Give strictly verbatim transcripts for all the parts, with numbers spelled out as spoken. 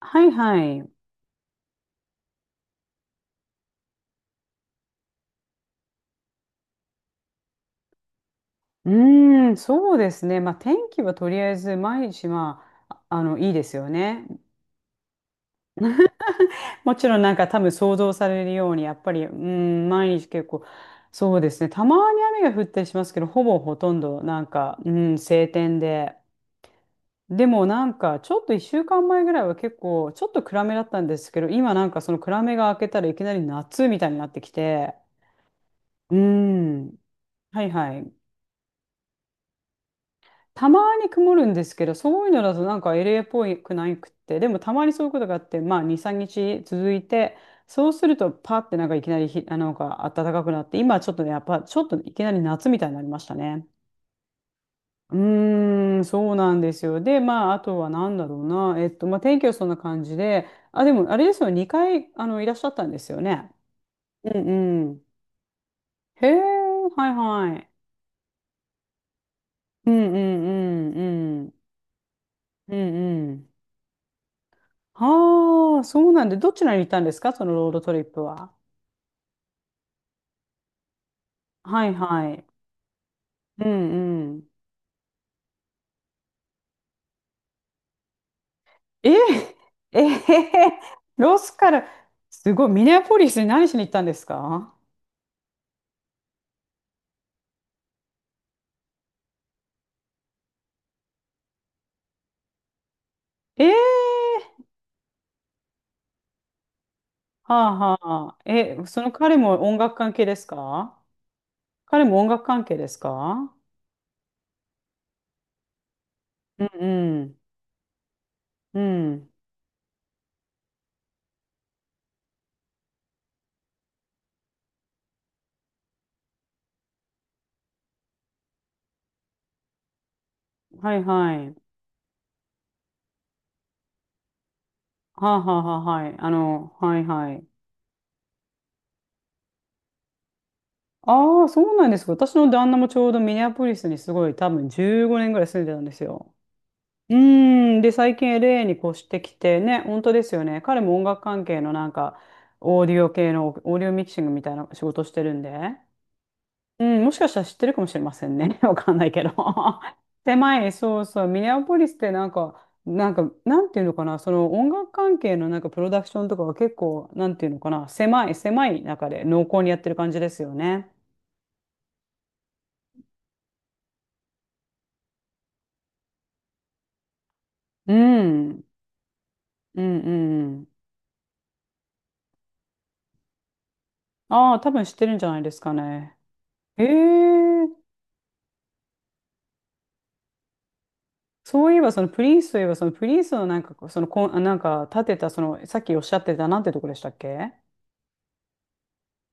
はいはい。うーん、そうですね。まあ、天気はとりあえず毎日、まあ、ああの、いいですよね。もちろんなんか多分想像されるように、やっぱり、うーん、毎日結構、そうですね。たまに雨が降ったりしますけど、ほぼほとんどなんか、うん、晴天で。でもなんか、ちょっといっしゅうかんまえぐらいは結構、ちょっと暗めだったんですけど、今なんかその暗めが明けたらいきなり夏みたいになってきて、うーん、はいはい。たまに曇るんですけど、そういうのだとなんか エルエー っぽくないくって、でもたまにそういうことがあって、まあに、みっか続いて、そうするとパってなんかいきなりひ、あのなんか暖かくなって、今ちょっとね、やっぱちょっといきなり夏みたいになりましたね。うーん、そうなんですよ。で、まあ、あとは何だろうな。えっと、まあ、天気はそんな感じで、あ、でも、あれですよね、にかい、あの、いらっしゃったんですよね。うんうん。へえ、はいはい。うんうんうんうん。うんうん。ああ、そうなんで、どちらにいたんですかそのロードトリップは。はいはい。うんうん。ええ えへへロスから、すごい、ミネアポリスに何しに行ったんですか？ええはあはあはあ。え、その彼も音楽関係ですか？彼も音楽関係ですか？うんうん。うん。はいはい。はあはあはあはい。あの、はいはい。ああ、そうなんですか。私の旦那もちょうどミネアポリスにすごい多分じゅうごねんぐらい住んでたんですよ。うーん、で、最近 エルエー に越してきてね、本当ですよね。彼も音楽関係のなんか、オーディオ系の、オーディオミキシングみたいな仕事してるんで、うん、もしかしたら知ってるかもしれませんね。わかんないけど。狭い、そうそう、ミネアポリスってなんか、なんか、なんていうのかな、その音楽関係のなんかプロダクションとかは結構、なんていうのかな、狭い、狭い中で濃厚にやってる感じですよね。うん、うん、うん。ああ、多分知ってるんじゃないですかね。へえ。そういえば、そのプリンスといえば、そのプリンスのなんかこう、そのコン、あなんか建てた、その、さっきおっしゃってた、なんてとこでしたっけ？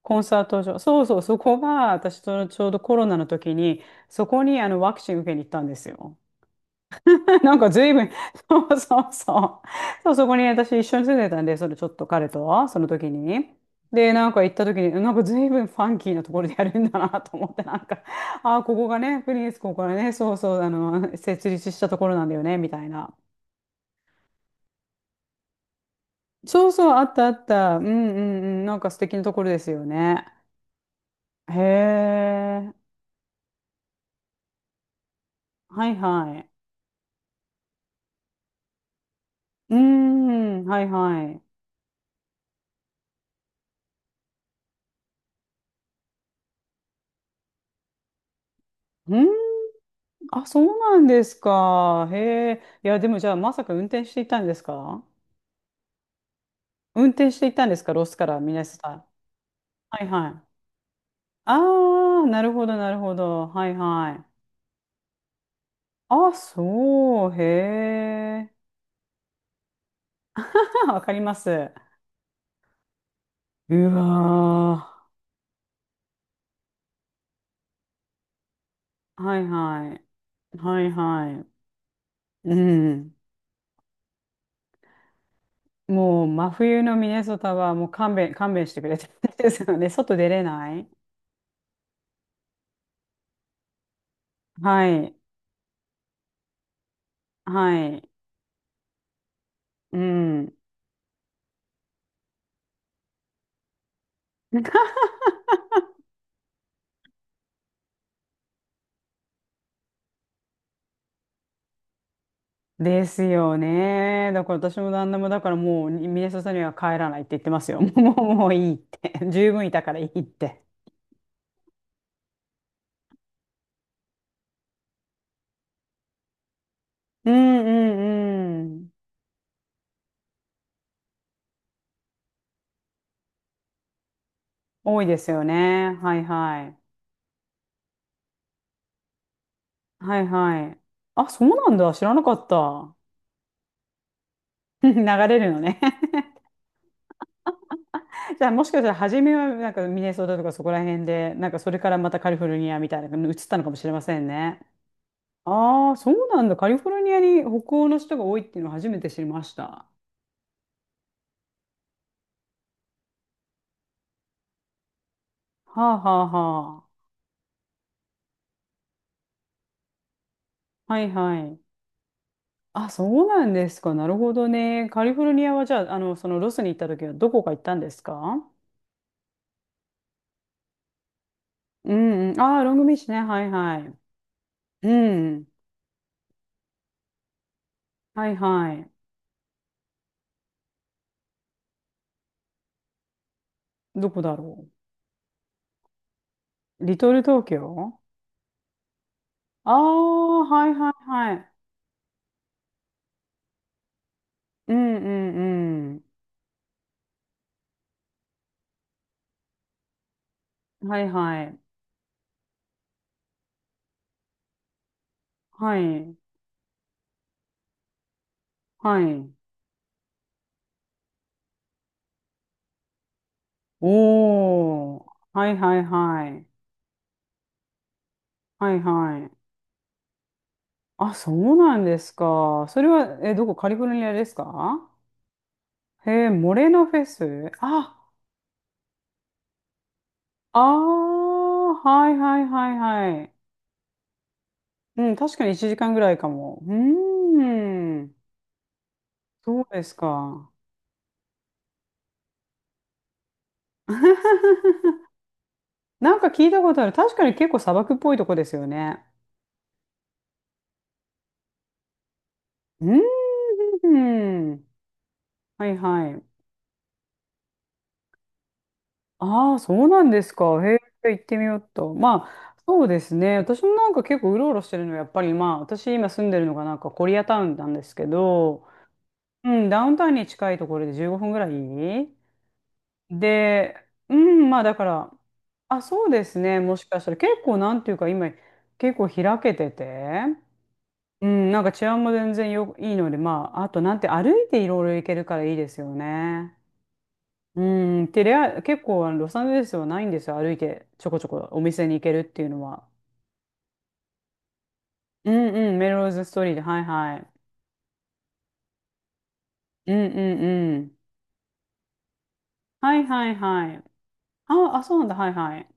コンサート場。そうそう、そこが、私とちょうどコロナの時に、そこにあのワクチン受けに行ったんですよ。なんか随分、そうそうそう。そう、そこに私一緒に住んでたんで、それちょっと彼と、その時に。で、なんか行った時に、なんか随分ファンキーなところでやるんだなと思って、なんか、ああ、ここがね、プリンス、ここがね、そうそう、あの、設立したところなんだよね、みたいな。そうそう、あったあった。うんうんうん。なんか素敵なところですよね。へえ。はいはい。うーん、はいはい。うーん、あ、そうなんですか。へえ。いや、でもじゃあ、まさか運転していたんですか？運転していたんですか？ロスからミネソタ。はいはい。ああ、なるほど、なるほど。はいはい。あ、そう、へえ。わかります。うわー。はいはい。はいはい。うん。もう真冬のミネソタはもう勘弁、勘弁してくれてるんですよね。外出れない。はい。はい。うん。ですよね。だから私も旦那もだからもうミネソタには帰らないって言ってますよ。もう、もうもういいって。十分いたからいいって。うんうんうん。多いですよね。はいはい。はいはい。あ、そうなんだ。知らなかった。流れるのね。じゃあもしかしたら初めはなんかミネソタとかそこら辺で、なんかそれからまたカリフォルニアみたいなのに移ったのかもしれませんね。ああ、そうなんだ。カリフォルニアに北欧の人が多いっていうのを初めて知りました。はあはあはあ。はいはい。あ、そうなんですか。なるほどね。カリフォルニアはじゃあ、あの、そのロスに行った時はどこか行ったんですか？うんうん。ああ、ロングビーチね。はいはい。うん。はいはい。どこだろう。リトル東京。ああはいはいはい。うんうんうん。はいはい。はい。はい。おー。はいはいはい。はいはい。あ、そうなんですか。それは、え、どこカリフォルニアですか？へえ、モレノフェス。あ、ああ、はいはいはいはい。うん、確かにいちじかんぐらいかも。うーん。そうですか。なんか聞いたことある。確かに結構砂漠っぽいとこですよね。うーん。はいはい。ああ、そうなんですか。へえ、行ってみようと。まあ、そうですね。私もなんか結構うろうろしてるのは、やっぱりまあ、私今住んでるのがなんかコリアタウンなんですけど、うん、ダウンタウンに近いところでじゅうごふんぐらいで、うん、まあだから、あ、そうですね。もしかしたら結構なんていうか今、結構開けてて、うん、なんか治安も全然よ、いいので、まあ、あとなんて歩いていろいろ行けるからいいですよね。うん、テレア、結構あのロサンゼルスはないんですよ。歩いてちょこちょこお店に行けるっていうのは。うんうん、メローズストーリーで、はいはい。うんうんうん。はいはいはい。あ、あ、そうなんだ、はいはい。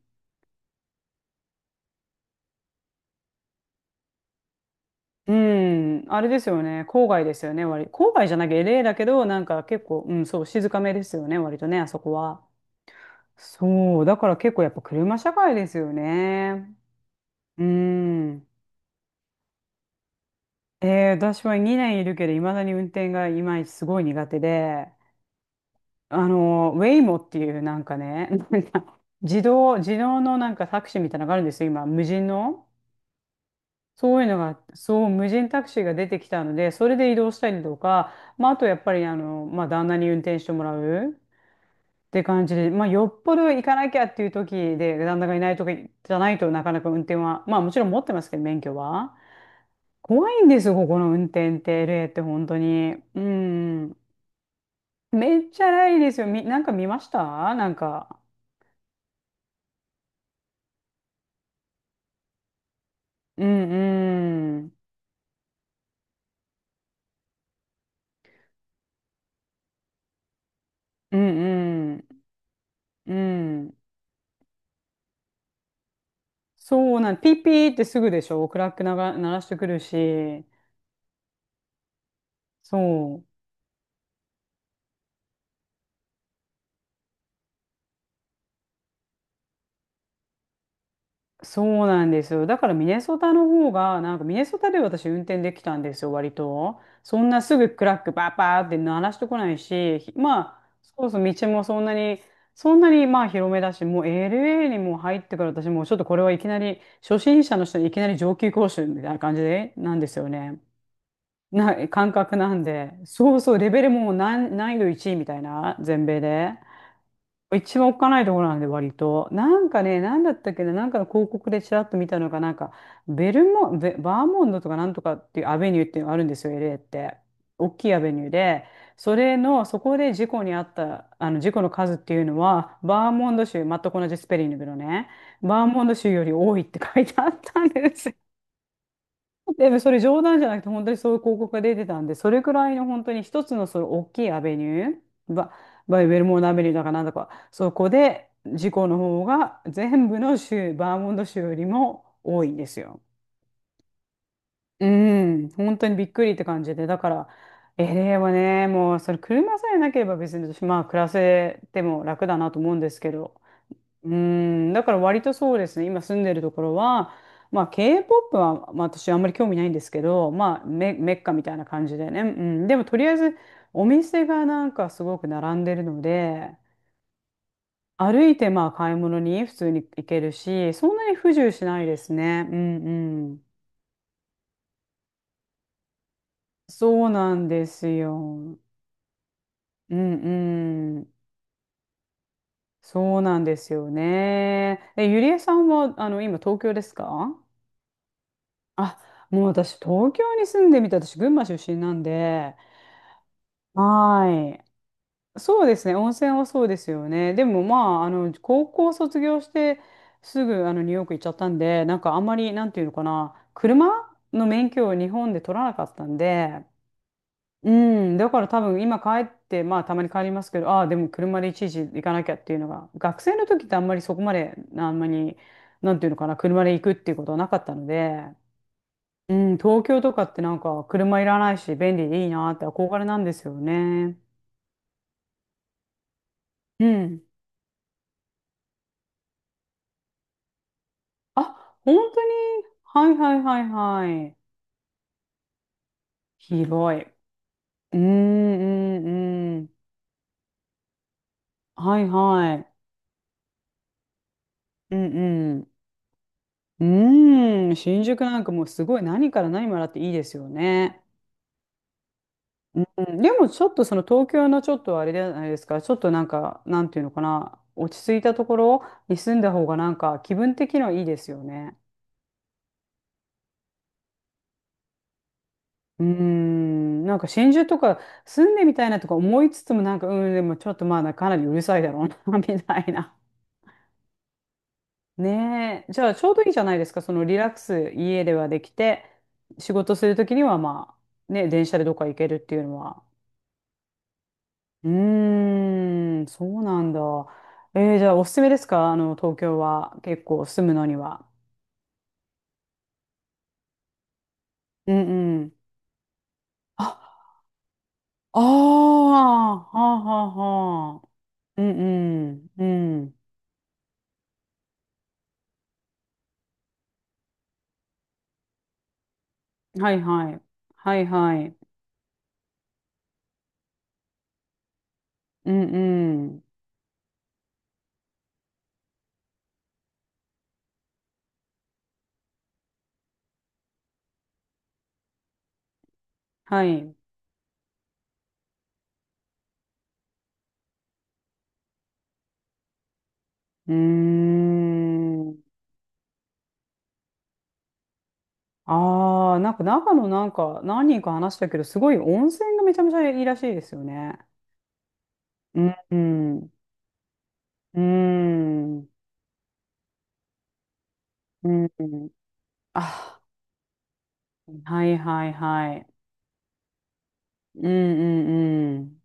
うん、あれですよね、郊外ですよね、割り。郊外じゃなきゃ エルエー だけど、なんか結構、うん、そう、静かめですよね、割とね、あそこは。そう、だから結構やっぱ車社会ですよね。うん。えー私はにねんいるけど、いまだに運転がいまいちすごい苦手で、あの、ウェイモっていうなんかね、なんか自動、自動のなんかタクシーみたいなのがあるんですよ、今、無人の。そういうのが、そう、無人タクシーが出てきたので、それで移動したりとか、まあ、あとやっぱり、あの、まあ、旦那に運転してもらうって感じで、まあ、よっぽど行かなきゃっていう時で、旦那がいない時じゃないとなかなか運転は、まあ、もちろん持ってますけど、免許は。怖いんですよ、ここの運転って、エルエー って本当に。うん。めっちゃないですよ。み、なんか見ましたなんか。うんうん。うんうん。うん。そうなん、ピーピーってすぐでしょ。クラックなが、鳴らしてくるし。そう。そうなんですよ。だからミネソタの方が、なんかミネソタで私運転できたんですよ、割と。そんなすぐクラックバーバーって鳴らしてこないし、ひまあ、そうそう、道もそんなに、そんなにまあ広めだし、もう エルエー にもう入ってから私もうちょっとこれはいきなり、初心者の人にいきなり上級講習みたいな感じで、なんですよね。ない感覚なんで、そうそう、レベルも難、難易度いちいみたいな、全米で。一番おっかないところなんで、割と。なんかね、なんだったっけな、なんかの広告でちらっと見たのが、なんか、ベルモ、ベ、バーモンドとかなんとかっていうアベニューっていうのがあるんですよ、エルエー って。大きいアベニューで、それの、そこで事故にあった、あの、事故の数っていうのは、バーモンド州、全く同じスペリングのね、バーモンド州より多いって書いてあったんです。でもそれ冗談じゃなくて本当にそういう広告が出てたんで、それくらいの本当に一つのその大きいアベニュー、バ、バイウェルモードアベニューだかなんだか、そこで事故の方が全部の州、バーモント州よりも多いんですよ。うん、本当にびっくりって感じで、だから、エ a はね、もうそれ車さえなければ別に私、まあ暮らせても楽だなと思うんですけど、うーん、だから割とそうですね、今住んでるところは、まあ K-ポップ は、まあ、私あんまり興味ないんですけど、まあメ、メッカみたいな感じでね、うん、でもとりあえずお店がなんかすごく並んでるので、歩いてまあ買い物に普通に行けるし、そんなに不自由しないですね。うんうん。そうなんですよ。うんうん。そうなんですよね。え、ゆりえさんはあの今東京ですか？あ、もう私、東京に住んでみた。私、群馬出身なんで、はい。そうですね、温泉はそうですよね。でも、まあ、あの、高校卒業して、すぐ、あの、ニューヨーク行っちゃったんで、なんか、あんまり、なんていうのかな、車の免許を日本で取らなかったんで、うん、だから多分、今帰って、まあ、たまに帰りますけど、ああ、でも、車でいちいち行かなきゃっていうのが、学生の時ってあんまりそこまで、あんまり、なんていうのかな、車で行くっていうことはなかったので、うん、東京とかってなんか車いらないし便利でいいなって憧れなんですよね。うん。あ、本当に、はいはいはいはい。広い。うんうんうん。はいはい。うんうん。うん、新宿なんかもうすごい何から何まであっていいですよね。うん。でもちょっとその東京のちょっとあれじゃないですか、ちょっとなんか、なんていうのかな、落ち着いたところに住んだ方がなんか気分的にはいいですよね。うーん、なんか真珠とか住んでみたいなとか思いつつもなんか、うん、でもちょっとまあかなりうるさいだろうな みたいな。ねえ。じゃあちょうどいいじゃないですか。そのリラックス家ではできて、仕事するときにはまあ、ね、電車でどっか行けるっていうのは。うーん、そうなんだ。えー、じゃあおすすめですかあの、東京は結構住むのには？うんうん。あ、ああ、はあはあはあ。うんうん、うん。はいはい。はいはい。うんうん。はい。うーん。ああ、なんか長野なんか何人か話したけど、すごい温泉がめちゃめちゃいいらしいですよね。うんうん。うん。うんうん。あ、はいはいはい。うんうんうん。